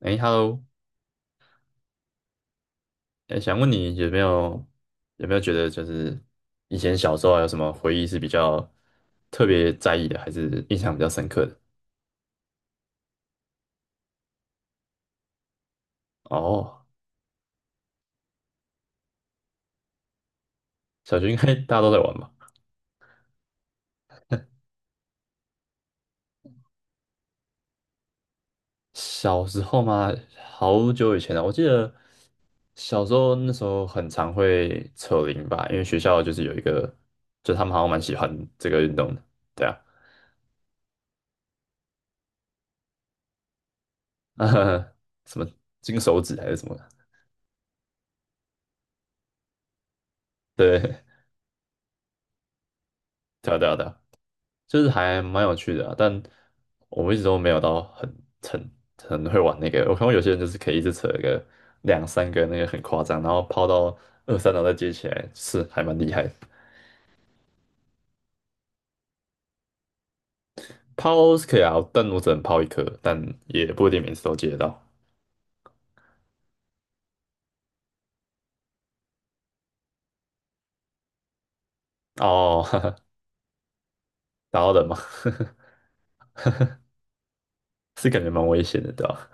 哎，Hello，哎，想问你有没有觉得就是以前小时候啊有什么回忆是比较特别在意的，还是印象比较深刻的？哦，小学应该 大家都在玩吧？小时候嘛，好久以前了，我记得小时候那时候很常会扯铃吧，因为学校就是有一个，就他们好像蛮喜欢这个运动的，对啊，呃，什么金手指还是什么的对，对啊，对啊，对啊，就是还蛮有趣的啊，但我一直都没有到很很会玩那个。我看过有些人就是可以一直扯一个两三个那个很夸张，然后抛到二三楼再接起来，是还蛮厉害的。抛是可以啊，但我只能抛一颗，但也不一定每次都接得到。哦，哈哈，打到人嘛，是感觉蛮危险的，对吧？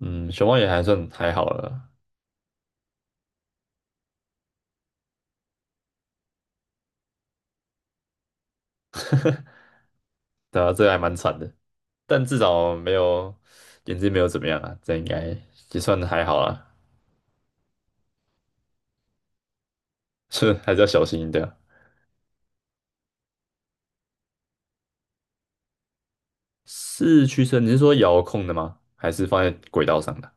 嗯，熊猫也还算还好了，对啊，这个还蛮惨的，但至少没有眼睛没有怎么样啊，这应该也算还好啦。是还是要小心一点。四驱车，你是说遥控的吗？还是放在轨道上的？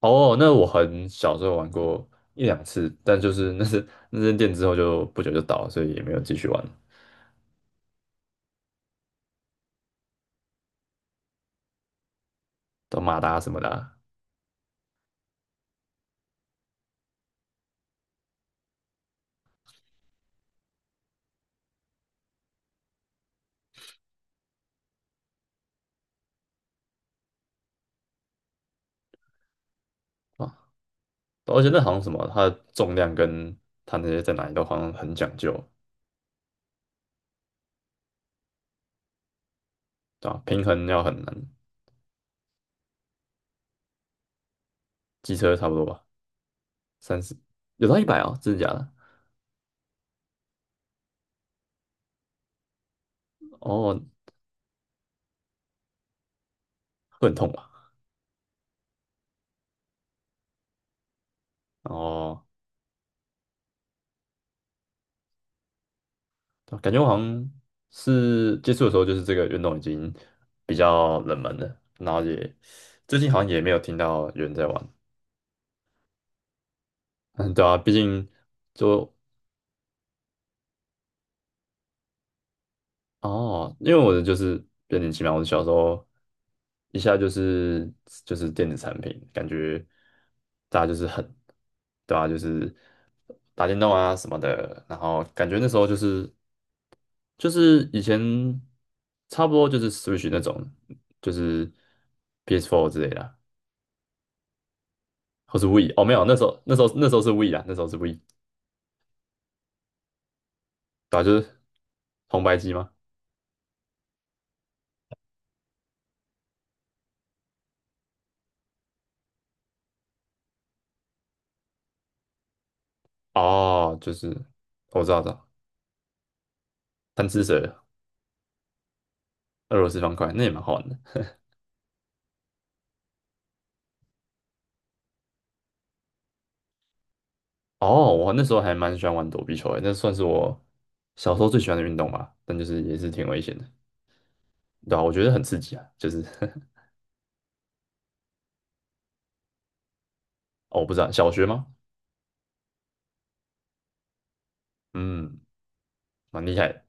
哦，那我很小时候玩过一两次，但就是那是 那间店之后就不久就倒了，所以也没有继续玩。到马达什么的啊，啊而且那好像什么，它的重量跟它那些在哪里都好像很讲究，对吧？平衡要很难，机车差不多吧，三十有到一百哦，真的假的？哦，会很痛吧？哦，对啊感觉我好像是接触的时候，就是这个运动已经比较冷门了，然后也最近好像也没有听到有人在玩。嗯，对啊，毕竟就哦，因为我的就是变年轻嘛，我小时候一下就是电子产品，感觉大家就是很对啊，就是打电动啊什么的，然后感觉那时候就是。就是以前差不多就是 Switch 那种，就是 PS4 之类的啊，或是 Wii 哦，没有，那时候是 Wii 啦，那时候是 Wii，对啊，就是红白机吗？哦，就是我知道，知道，贪吃蛇、俄罗斯方块，那也蛮好玩的。哦，我那时候还蛮喜欢玩躲避球的，那算是我小时候最喜欢的运动吧，但就是也是挺危险的，对啊，我觉得很刺激啊，就是 哦，我不知道小学吗？嗯，蛮厉害的，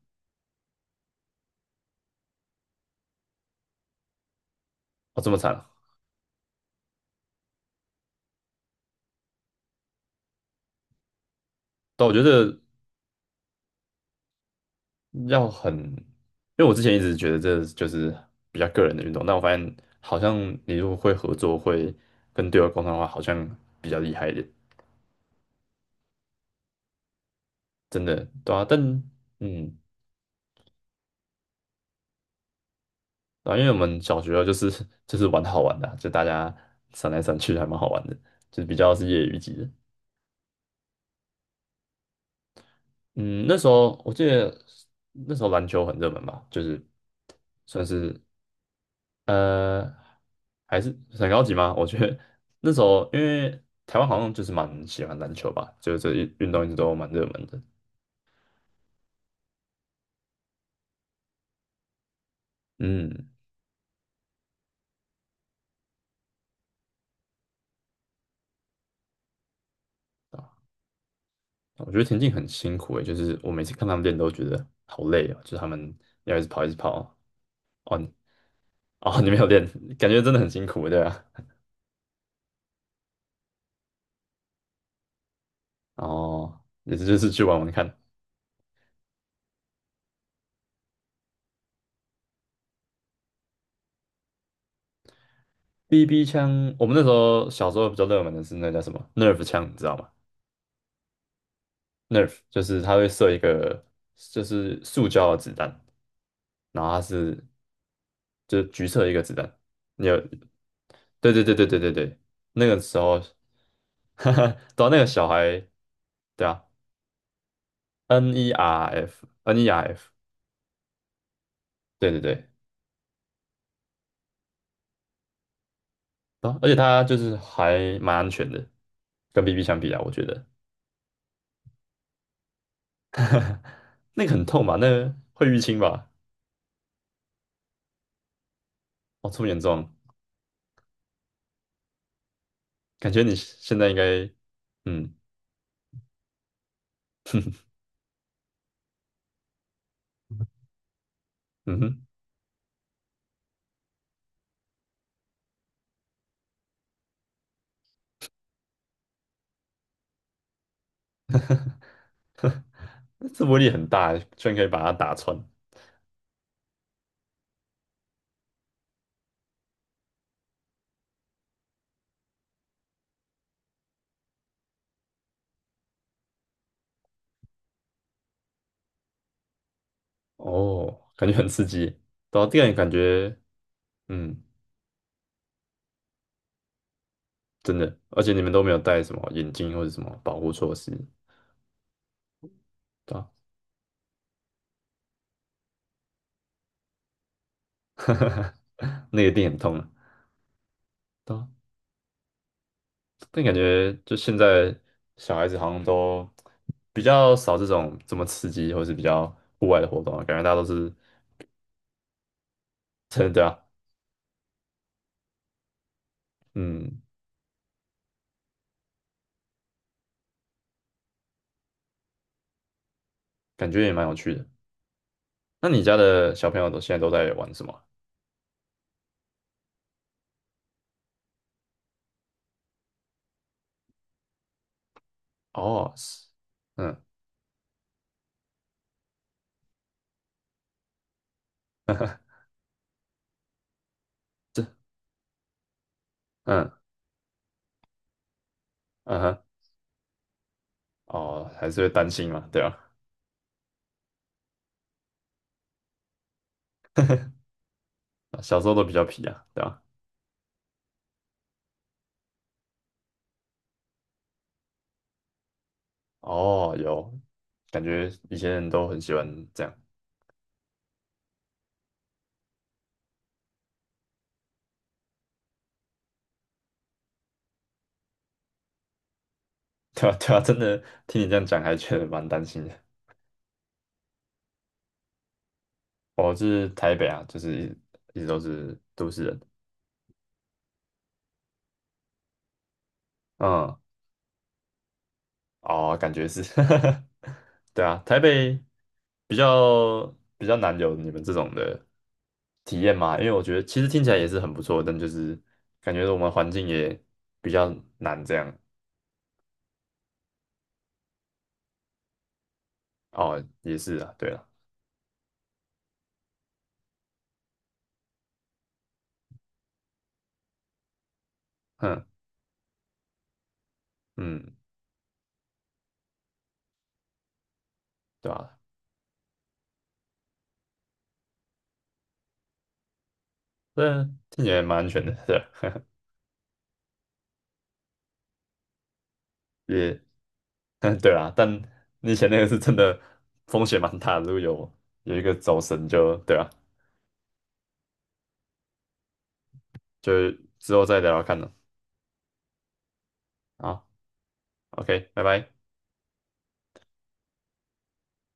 哦，这么惨啊，但我觉得。要很，因为我之前一直觉得这就是比较个人的运动，但我发现好像你如果会合作，会跟队友沟通的话，好像比较厉害一点，真的，对啊，但嗯，对啊，因为我们小学啊就是 就是玩好玩的啊就大家闪来闪去，还蛮好玩的，就是比较是业余级的。嗯，那时候我记得那时候篮球很热门吧，就是算是呃，还是很高级吗？我觉得那时候因为台湾好像就是蛮喜欢篮球吧，就是这一运动一直都蛮热门的。嗯，我觉得田径很辛苦诶，就是我每次看他们练都觉得好累哦，就是他们要一直跑一直跑。哦你哦，你没有练，感觉真的很辛苦，对啊。哦，也是就是去玩玩看。BB 枪，我们那时候小时候比较热门的是那叫什么 Nerf 枪，你知道吗？Nerf 就是它会射一个就是塑胶的子弹，然后它是就是橘色一个子弹，你有？对对对对对对对，那个时候，哈哈，到那个小孩，对啊，N E R F N E R F，对对对，啊，而且它就是还蛮安全的，跟 BB 相比啊，我觉得那个很痛吧，那个会淤青吧，哦，这么严重，感觉你现在应该，嗯嗯哼。这威力很大，居然可以把它打穿。哦，感觉很刺激耶。对啊，这样感觉，嗯，真的。而且你们都没有戴什么眼镜或者什么保护措施，对啊，那个一定很痛啊。对啊，但感觉就现在小孩子好像都比较少这种这么刺激或是比较户外的活动啊，感觉大家都是真的，对啊，嗯，感觉也蛮有趣的。那你家的小朋友都现在都在玩什么啊？哦，是嗯 嗯嗯嗯哦，还是会担心嘛，对啊，小时候都比较皮啊，对啊，哦，有，感觉以前人都很喜欢这样，对啊，对啊，真的听你这样讲，还觉得蛮担心的。我是台北啊，就是一直都是都市人，嗯，哦，感觉是，对啊，台北比较难有你们这种的体验嘛，因为我觉得其实听起来也是很不错，但就是感觉我们环境也比较难这样，哦，也是啊，对了。嗯。嗯，对啊，这听起来蛮安全的，对，也，对啊，但你以前那个是真的风险蛮大的，如果有一个走神就，对啊，就之后再聊聊看了，好，OK，拜拜。